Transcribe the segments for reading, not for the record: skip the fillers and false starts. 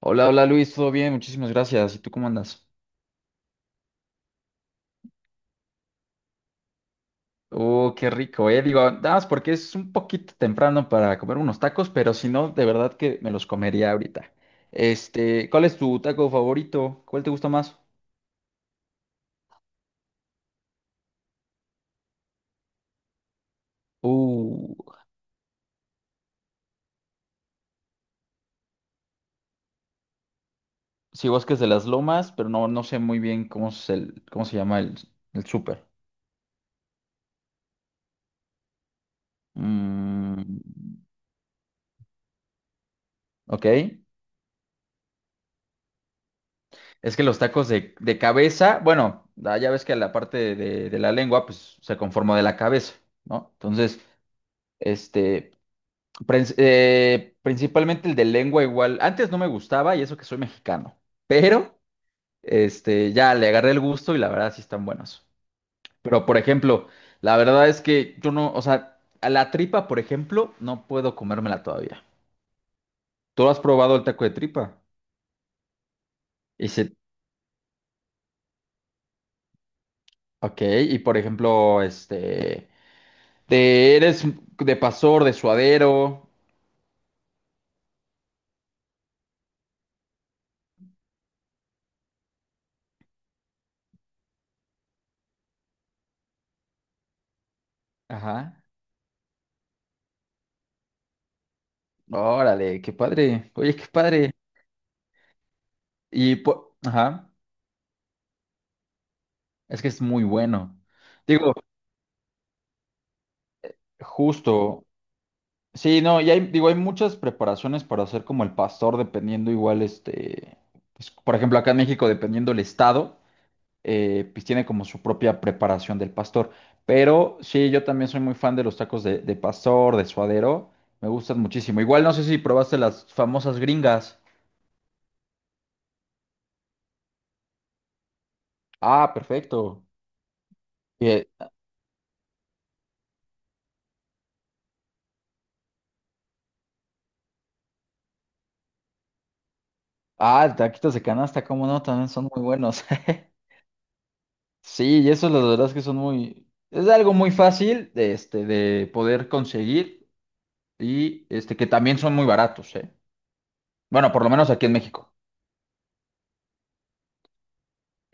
Hola, hola Luis, todo bien, muchísimas gracias. ¿Y tú cómo andas? Oh, qué rico, eh. Digo, nada más porque es un poquito temprano para comer unos tacos, pero si no, de verdad que me los comería ahorita. Este, ¿cuál es tu taco favorito? ¿Cuál te gusta más? Uh, sí, Bosques de las Lomas, pero no, no sé muy bien cómo es cómo se llama el súper. Mm, ok. Es que los tacos de cabeza, bueno, ya ves que la parte de la lengua, pues se conforma de la cabeza, ¿no? Entonces. Este, principalmente el de lengua igual. Antes no me gustaba y eso que soy mexicano, pero este, ya le agarré el gusto y la verdad sí están buenos. Pero por ejemplo, la verdad es que yo no, o sea, a la tripa, por ejemplo, no puedo comérmela todavía. ¿Tú has probado el taco de tripa? Y se, ok, y por ejemplo, este, de, eres de pastor, de suadero. Ajá. Órale, qué padre. Oye, qué padre. Y, ajá, es que es muy bueno. Digo, justo. Sí, no, y hay, digo, hay muchas preparaciones para hacer como el pastor, dependiendo igual, este, pues, por ejemplo, acá en México, dependiendo el estado, pues tiene como su propia preparación del pastor. Pero sí, yo también soy muy fan de los tacos de pastor, de suadero, me gustan muchísimo. Igual no sé si probaste las famosas gringas. Ah, perfecto. Eh, ah, taquitos de canasta, cómo no, también son muy buenos. Sí, y eso la verdad es que son muy, es algo muy fácil de, este, de poder conseguir y este, que también son muy baratos, ¿eh? Bueno, por lo menos aquí en México.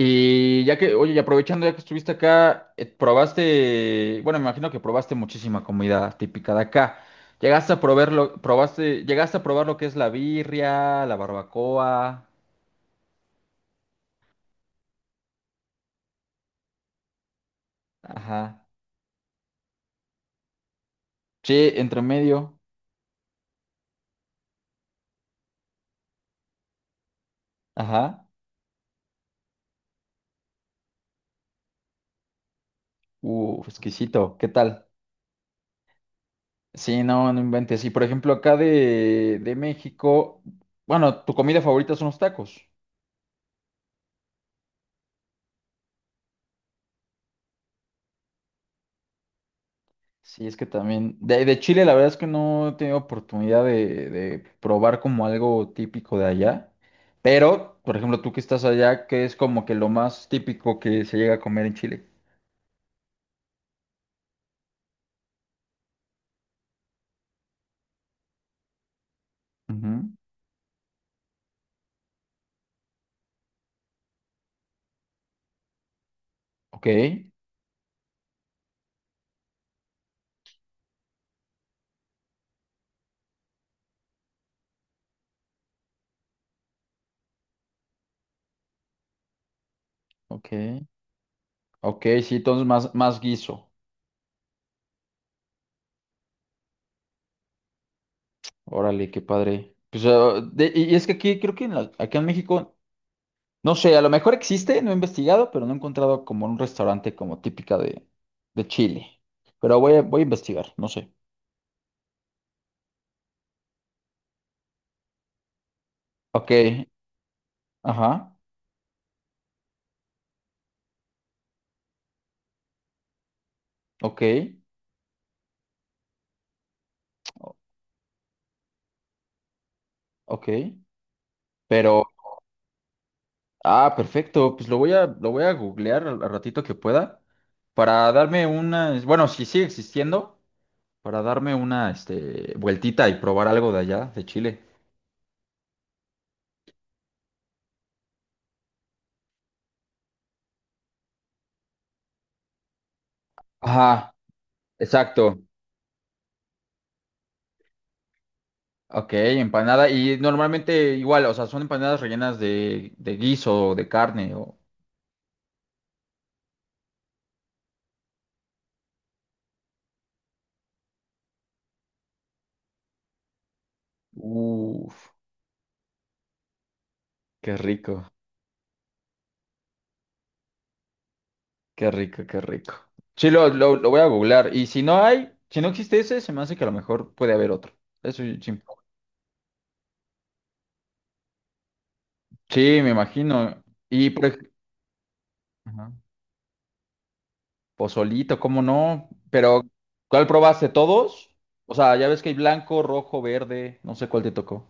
Y ya que, oye, y aprovechando ya que estuviste acá, probaste, bueno, me imagino que probaste muchísima comida típica de acá. Llegaste a probar lo, probaste, llegaste a probar lo que es la birria, la barbacoa, ajá. Che, entre medio, ajá. Exquisito, ¿qué tal? Sí, no, no inventes. Y por ejemplo, acá de México, bueno, tu comida favorita son los tacos. Sí, es que también. De Chile, la verdad es que no he tenido oportunidad de probar como algo típico de allá. Pero, por ejemplo, tú que estás allá, ¿qué es como que lo más típico que se llega a comer en Chile? Ujú. Ok, ok, ok, sí, entonces más, más guiso. Órale, qué padre. Pues, ah, y es que aquí, creo que en acá en México. No sé, a lo mejor existe, no he investigado, pero no he encontrado como un restaurante como típica de Chile. Pero voy a, voy a investigar, no sé. Ok, ajá, ok, ok. Pero, ah, perfecto, pues lo voy a googlear al al ratito que pueda para darme una, bueno, si sigue existiendo, para darme una, este, vueltita y probar algo de allá, de Chile. Ajá, exacto. Ok, empanada. Y normalmente igual, o sea, son empanadas rellenas de guiso, de carne. O... Uf, qué rico, qué rico, qué rico. Sí, lo voy a googlear. Y si no hay, si no existe ese, se me hace que a lo mejor puede haber otro. Eso sí, sí. Sí, me imagino. Y por ej- Ajá. Pozolito, ¿cómo no? Pero, ¿cuál probaste? ¿Todos? O sea, ya ves que hay blanco, rojo, verde, no sé cuál te tocó.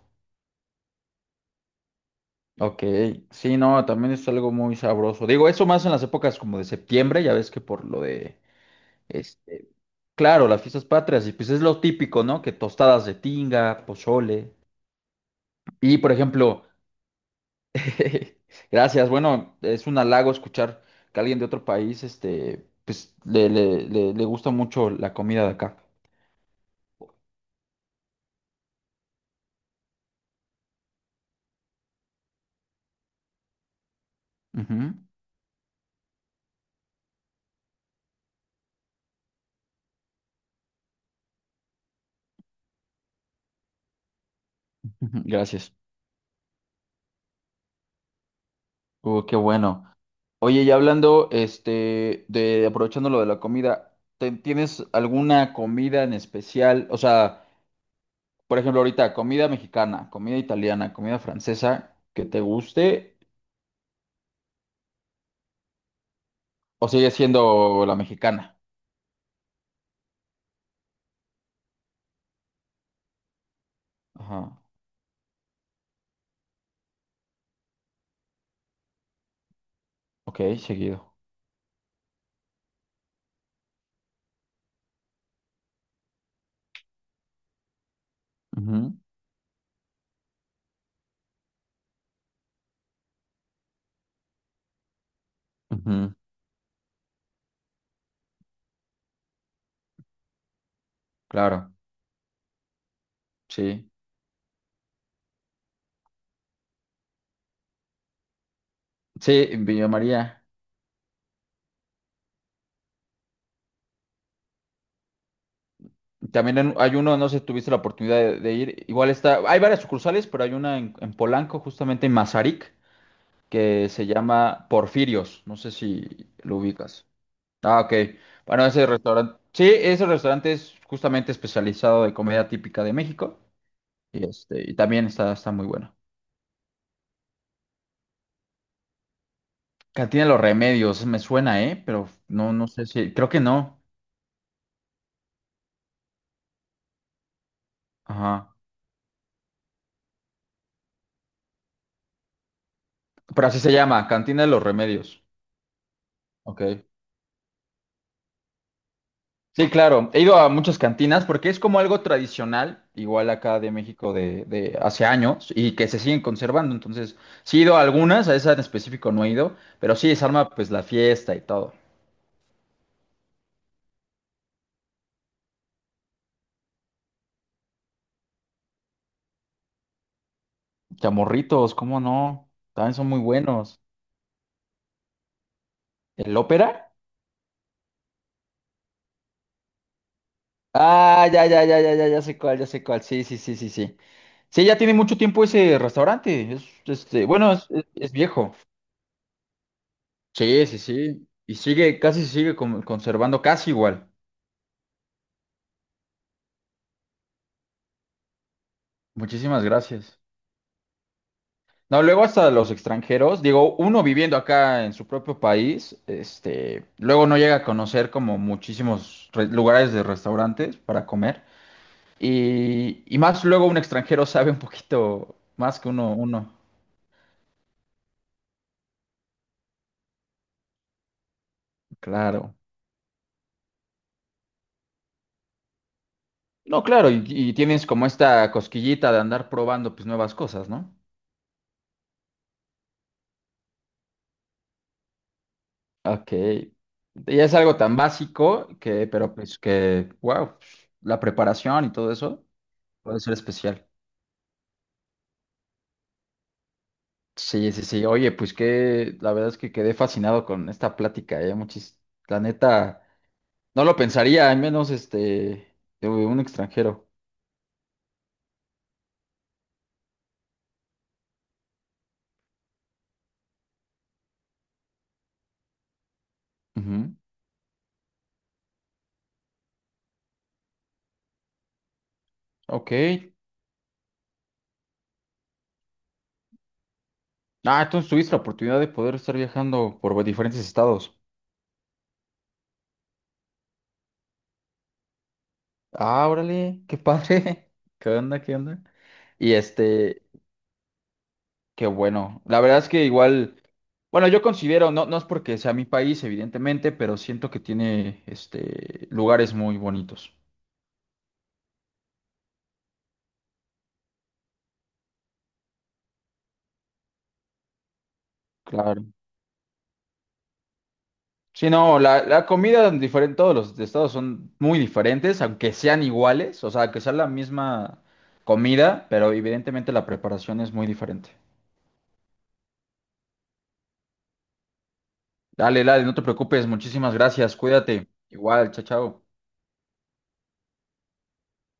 Ok, sí, no, también es algo muy sabroso. Digo, eso más en las épocas como de septiembre, ya ves que por lo de, este, claro, las fiestas patrias, y pues es lo típico, ¿no? Que tostadas de tinga, pozole. Y por ejemplo, gracias, bueno, es un halago escuchar que alguien de otro país, este, pues le gusta mucho la comida de acá. Ujú, ujú, gracias. Qué bueno. Oye, y hablando, este, de aprovechando lo de la comida, ¿tienes alguna comida en especial? O sea, por ejemplo, ahorita, comida mexicana, comida italiana, comida francesa, que te guste, o sigue siendo la mexicana. Ajá. Ok, seguido. Ujú, ujú, claro, sí. Sí, en Villa María. Hay uno, no sé si tuviste la oportunidad de ir. Igual está, hay varias sucursales, pero hay una en Polanco, justamente en Mazarik, que se llama Porfirios. No sé si lo ubicas. Ah, ok. Bueno, ese restaurante. Sí, ese restaurante es justamente especializado de comida típica de México. Y este, y también está, está muy bueno. Cantina de los Remedios, me suena, ¿eh? Pero no, no sé si. Creo que no. Ajá. Pero así se llama, Cantina de los Remedios. Ok. Sí, claro. He ido a muchas cantinas porque es como algo tradicional, igual acá de México de hace años y que se siguen conservando. Entonces, sí he ido a algunas, a esa en específico no he ido, pero sí se pues la fiesta y todo. Chamorritos, ¿cómo no? También son muy buenos. ¿El Ópera? Ah, ya, ya, ya, ya, ya, ya sé cuál, ya sé cuál. Sí, sí, sí, sí, sí. Sí, ya tiene mucho tiempo ese restaurante. Es, este, bueno, es, es viejo. Sí, sí, sí. Y sigue, casi sigue conservando casi igual. Muchísimas gracias. No, luego hasta los extranjeros, digo, uno viviendo acá en su propio país, este, luego no llega a conocer como muchísimos lugares de restaurantes para comer. Y más luego un extranjero sabe un poquito más que uno, uno, claro. No, claro, y tienes como esta cosquillita de andar probando pues nuevas cosas, ¿no? Ok. Y es algo tan básico que, pero pues que, wow, la preparación y todo eso puede ser especial. Sí, sí, sí. Oye, pues que la verdad es que quedé fascinado con esta plática, ¿eh? Muchis, la neta, no lo pensaría, al menos este, de un extranjero. Ujú. Ok. Ah, entonces tuviste la oportunidad de poder estar viajando por diferentes estados. Ah, órale, qué padre. ¿Qué onda, qué onda? Y este, qué bueno. La verdad es que igual, bueno, yo considero, no, no es porque sea mi país, evidentemente, pero siento que tiene, este, lugares muy bonitos. Claro. Sí, no, la comida en todos los estados son muy diferentes, aunque sean iguales, o sea, que sea la misma comida, pero evidentemente la preparación es muy diferente. Dale, dale, no te preocupes, muchísimas gracias, cuídate. Igual, chao, chao.